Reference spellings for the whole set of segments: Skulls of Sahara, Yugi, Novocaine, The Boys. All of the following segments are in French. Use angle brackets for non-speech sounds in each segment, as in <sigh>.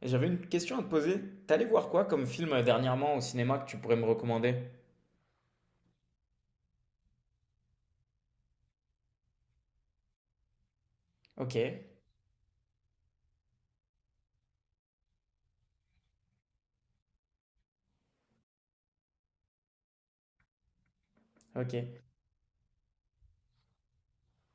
Et j'avais une question à te poser. T'allais voir quoi comme film dernièrement au cinéma que tu pourrais me recommander? Ok, ok.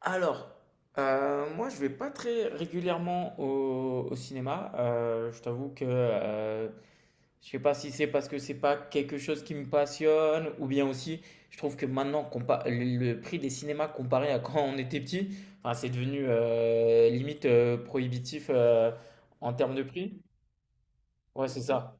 Alors, moi je vais pas très régulièrement au, au cinéma. Je t'avoue que je sais pas si c'est parce que c'est pas quelque chose qui me passionne ou bien aussi je trouve que maintenant le prix des cinémas comparé à quand on était petit, enfin, c'est devenu limite prohibitif en termes de prix. Ouais, c'est ça.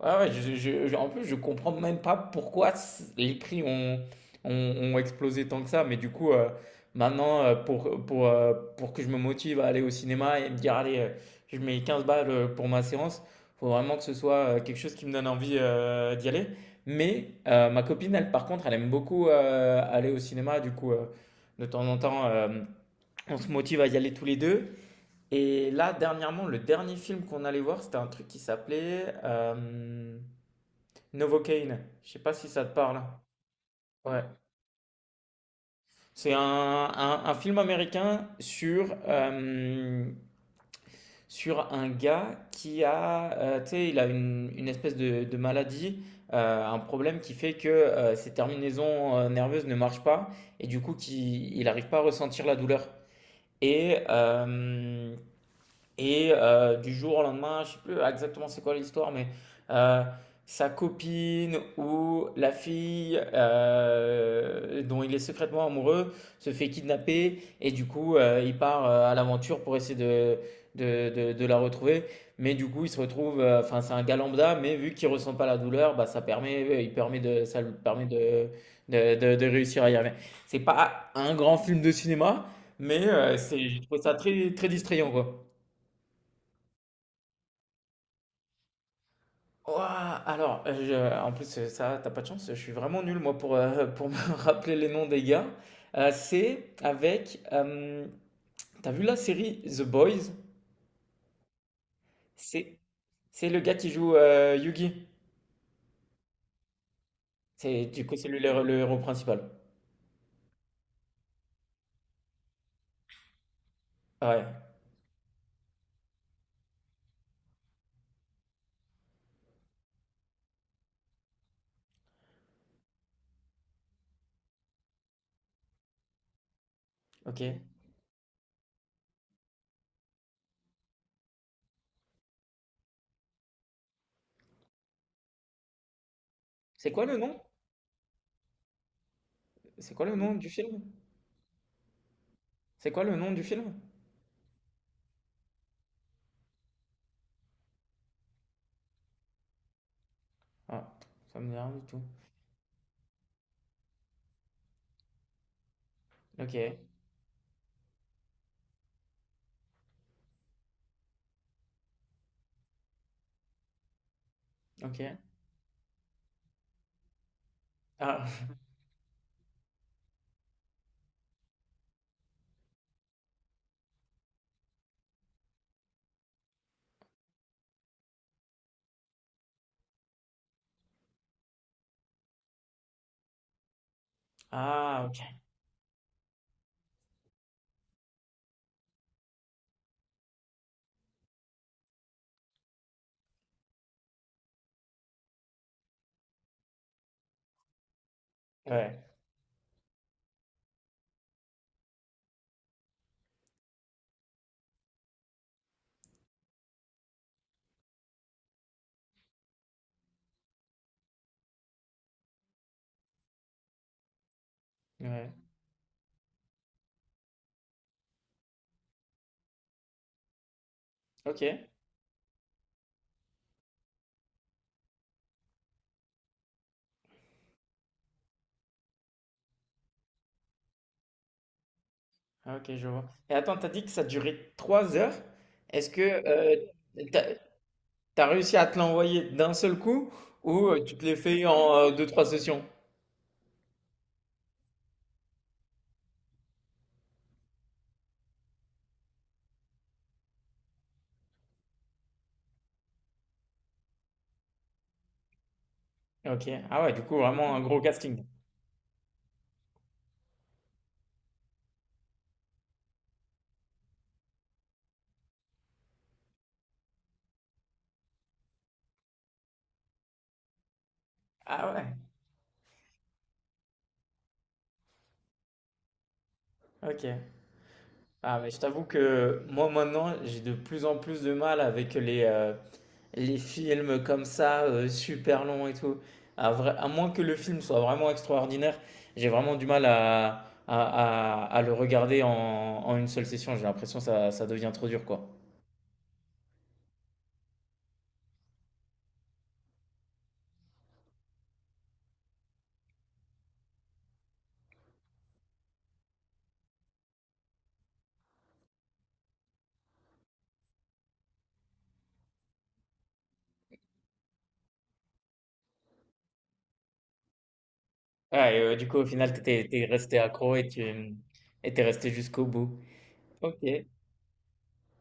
Ouais, ouais, en plus, je comprends même pas pourquoi les prix ont, ont, ont explosé tant que ça. Mais du coup, maintenant, pour que je me motive à aller au cinéma et me dire, allez, je mets 15 balles pour ma séance, faut vraiment que ce soit quelque chose qui me donne envie d'y aller. Mais ma copine, elle, par contre, elle aime beaucoup aller au cinéma. Du coup, de temps en temps, on se motive à y aller tous les deux. Et là, dernièrement, le dernier film qu'on allait voir, c'était un truc qui s'appelait Novocaine. Je sais pas si ça te parle. Ouais. C'est un, un film américain sur, sur un gars qui a, tu sais, il a une espèce de maladie, un problème qui fait que ses terminaisons nerveuses ne marchent pas et du coup, qui, il n'arrive pas à ressentir la douleur. Et euh, Et du jour au lendemain, je ne sais plus exactement c'est quoi l'histoire, mais euh, sa copine ou la fille dont il est secrètement amoureux se fait kidnapper et du coup il part à l'aventure pour essayer de, de la retrouver. Mais du coup il se retrouve, enfin c'est un gars lambda, mais vu qu'il ressent pas la douleur, bah, ça permet, il permet de, ça lui permet de, de réussir à y arriver. C'est pas un grand film de cinéma, mais c'est, je trouve ça très, très distrayant quoi. Ouah, alors, en plus, ça, t'as pas de chance, je suis vraiment nul, moi, pour, <laughs> pour me rappeler les noms des gars. C'est avec. T'as vu la série The Boys? C'est, c'est le gars qui joue Yugi. C'est, du coup, c'est lui le héros principal. Ouais, ok. C'est quoi le nom? C'est quoi le nom du film? C'est quoi le nom du film? Ah, ça me dit rien du tout. Ok, ok. Ah, <laughs> ah, ok. Ouais, ouais. Ok. Ah, ok, je vois. Et attends, t'as dit que ça durait 3 heures. Est-ce que euh, t'as, t'as réussi à te l'envoyer d'un seul coup ou tu te l'es fait en deux, trois sessions? Ok. Ah ouais, du coup, vraiment un gros casting. Ah ouais, ok. Ah mais je t'avoue que moi maintenant, j'ai de plus en plus de mal avec les, les films comme ça, super longs et tout, à vrai à moins que le film soit vraiment extraordinaire, j'ai vraiment du mal à le regarder en une seule session. J'ai l'impression que ça devient trop dur, quoi. Ah et du coup, au final, t'étais étais resté accro et tu, mmh et tu resté jusqu'au bout. Ok.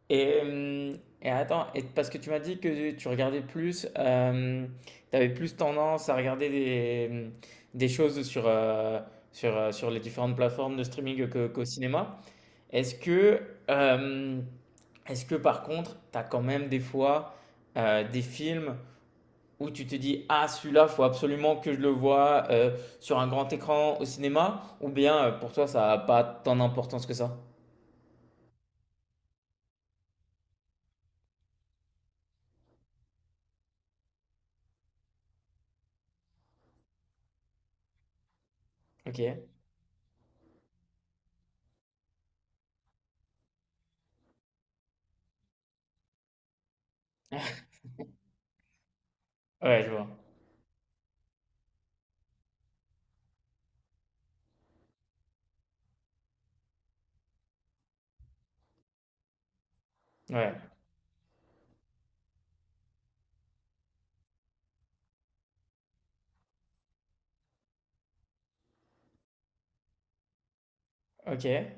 Et hem et attends et parce que tu m'as dit que tu regardais plus, tu plus tendance à regarder des, mmh, des choses sur, sur, sur les différentes plateformes de streaming que qu'au cinéma. Est-ce que, euh, est-ce que par contre, tu as quand même des fois des films où tu te dis ah, celui-là, faut absolument que je le voie sur un grand écran au cinéma? Ou bien pour toi, ça n'a pas tant d'importance que ça? Ok. <laughs> Ouais, je vois. Ouais. Ok. Ouais,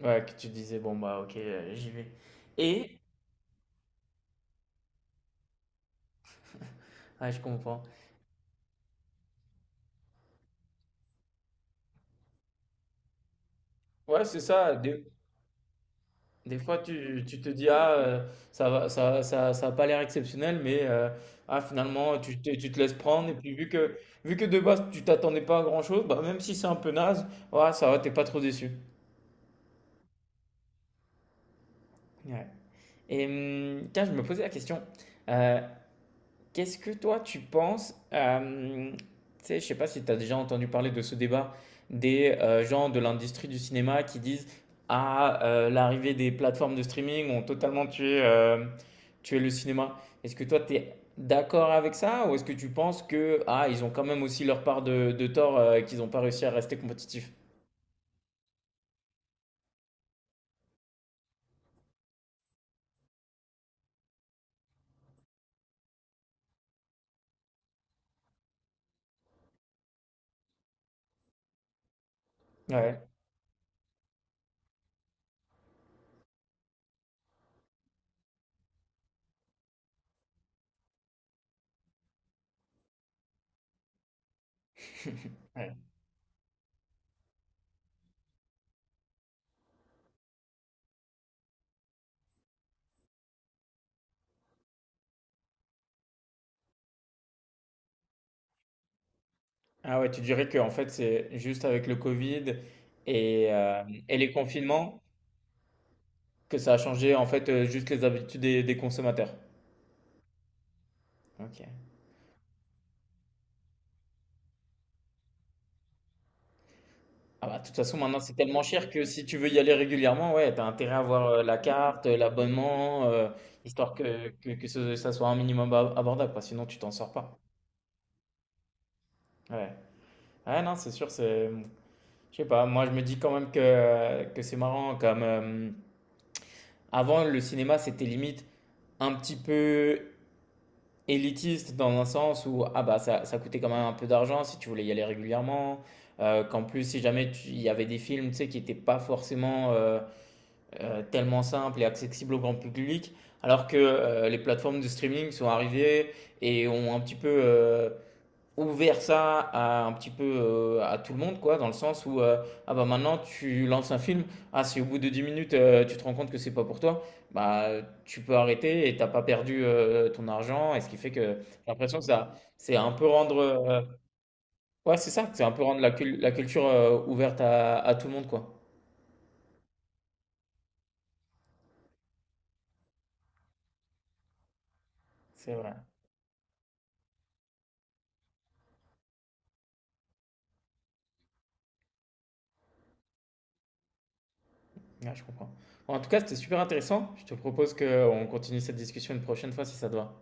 que tu disais, bon, bah, ok, j'y vais. Et. Ouais, je comprends. Ouais, c'est ça. Des fois, tu te dis, ah, ça va, ça a pas l'air exceptionnel, mais ah, finalement, tu, tu te laisses prendre. Et puis, vu que de base, tu t'attendais pas à grand-chose, bah, même si c'est un peu naze, ouais, ça va, t'es pas trop déçu. Ouais. Et tiens, je me posais la question, euh, qu'est-ce que toi tu penses tu sais, je sais pas si tu as déjà entendu parler de ce débat des gens de l'industrie du cinéma qui disent ah, l'arrivée des plateformes de streaming ont totalement tué, tué le cinéma. Est-ce que toi tu es d'accord avec ça ou est-ce que tu penses que ah, ils ont quand même aussi leur part de tort et qu'ils n'ont pas réussi à rester compétitifs? Ouais. <laughs> Ouais. Ah ouais, tu dirais que en fait c'est juste avec le Covid et, euh, et les confinements. Que ça a changé en fait juste les habitudes des consommateurs. Ok. Ah bah, de toute façon, maintenant c'est tellement cher que si tu veux y aller régulièrement, ouais, t'as intérêt à avoir la carte, l'abonnement, histoire que ça soit un minimum abordable, quoi, sinon tu t'en sors pas. Ouais. Ouais, non, c'est sûr, c'est. Je sais pas, moi je me dis quand même que c'est marrant, comme avant le cinéma c'était limite un petit peu élitiste dans un sens où ah bah ça, ça coûtait quand même un peu d'argent si tu voulais y aller régulièrement, qu'en plus si jamais il y avait des films tu sais, qui n'étaient pas forcément tellement simples et accessibles au grand public, alors que les plateformes de streaming sont arrivées et ont un petit peu ouvert ça à un petit peu à tout le monde, quoi, dans le sens où ah bah maintenant tu lances un film, ah si au bout de 10 minutes tu te rends compte que c'est pas pour toi, bah tu peux arrêter et t'as pas perdu ton argent, et ce qui fait que j'ai l'impression que ça c'est un peu rendre ouais c'est ça, c'est un peu rendre la, la culture ouverte à tout le monde, quoi. C'est vrai, ouais, je comprends. Bon, en tout cas c'était super intéressant, je te propose qu'on continue cette discussion une prochaine fois si ça te va.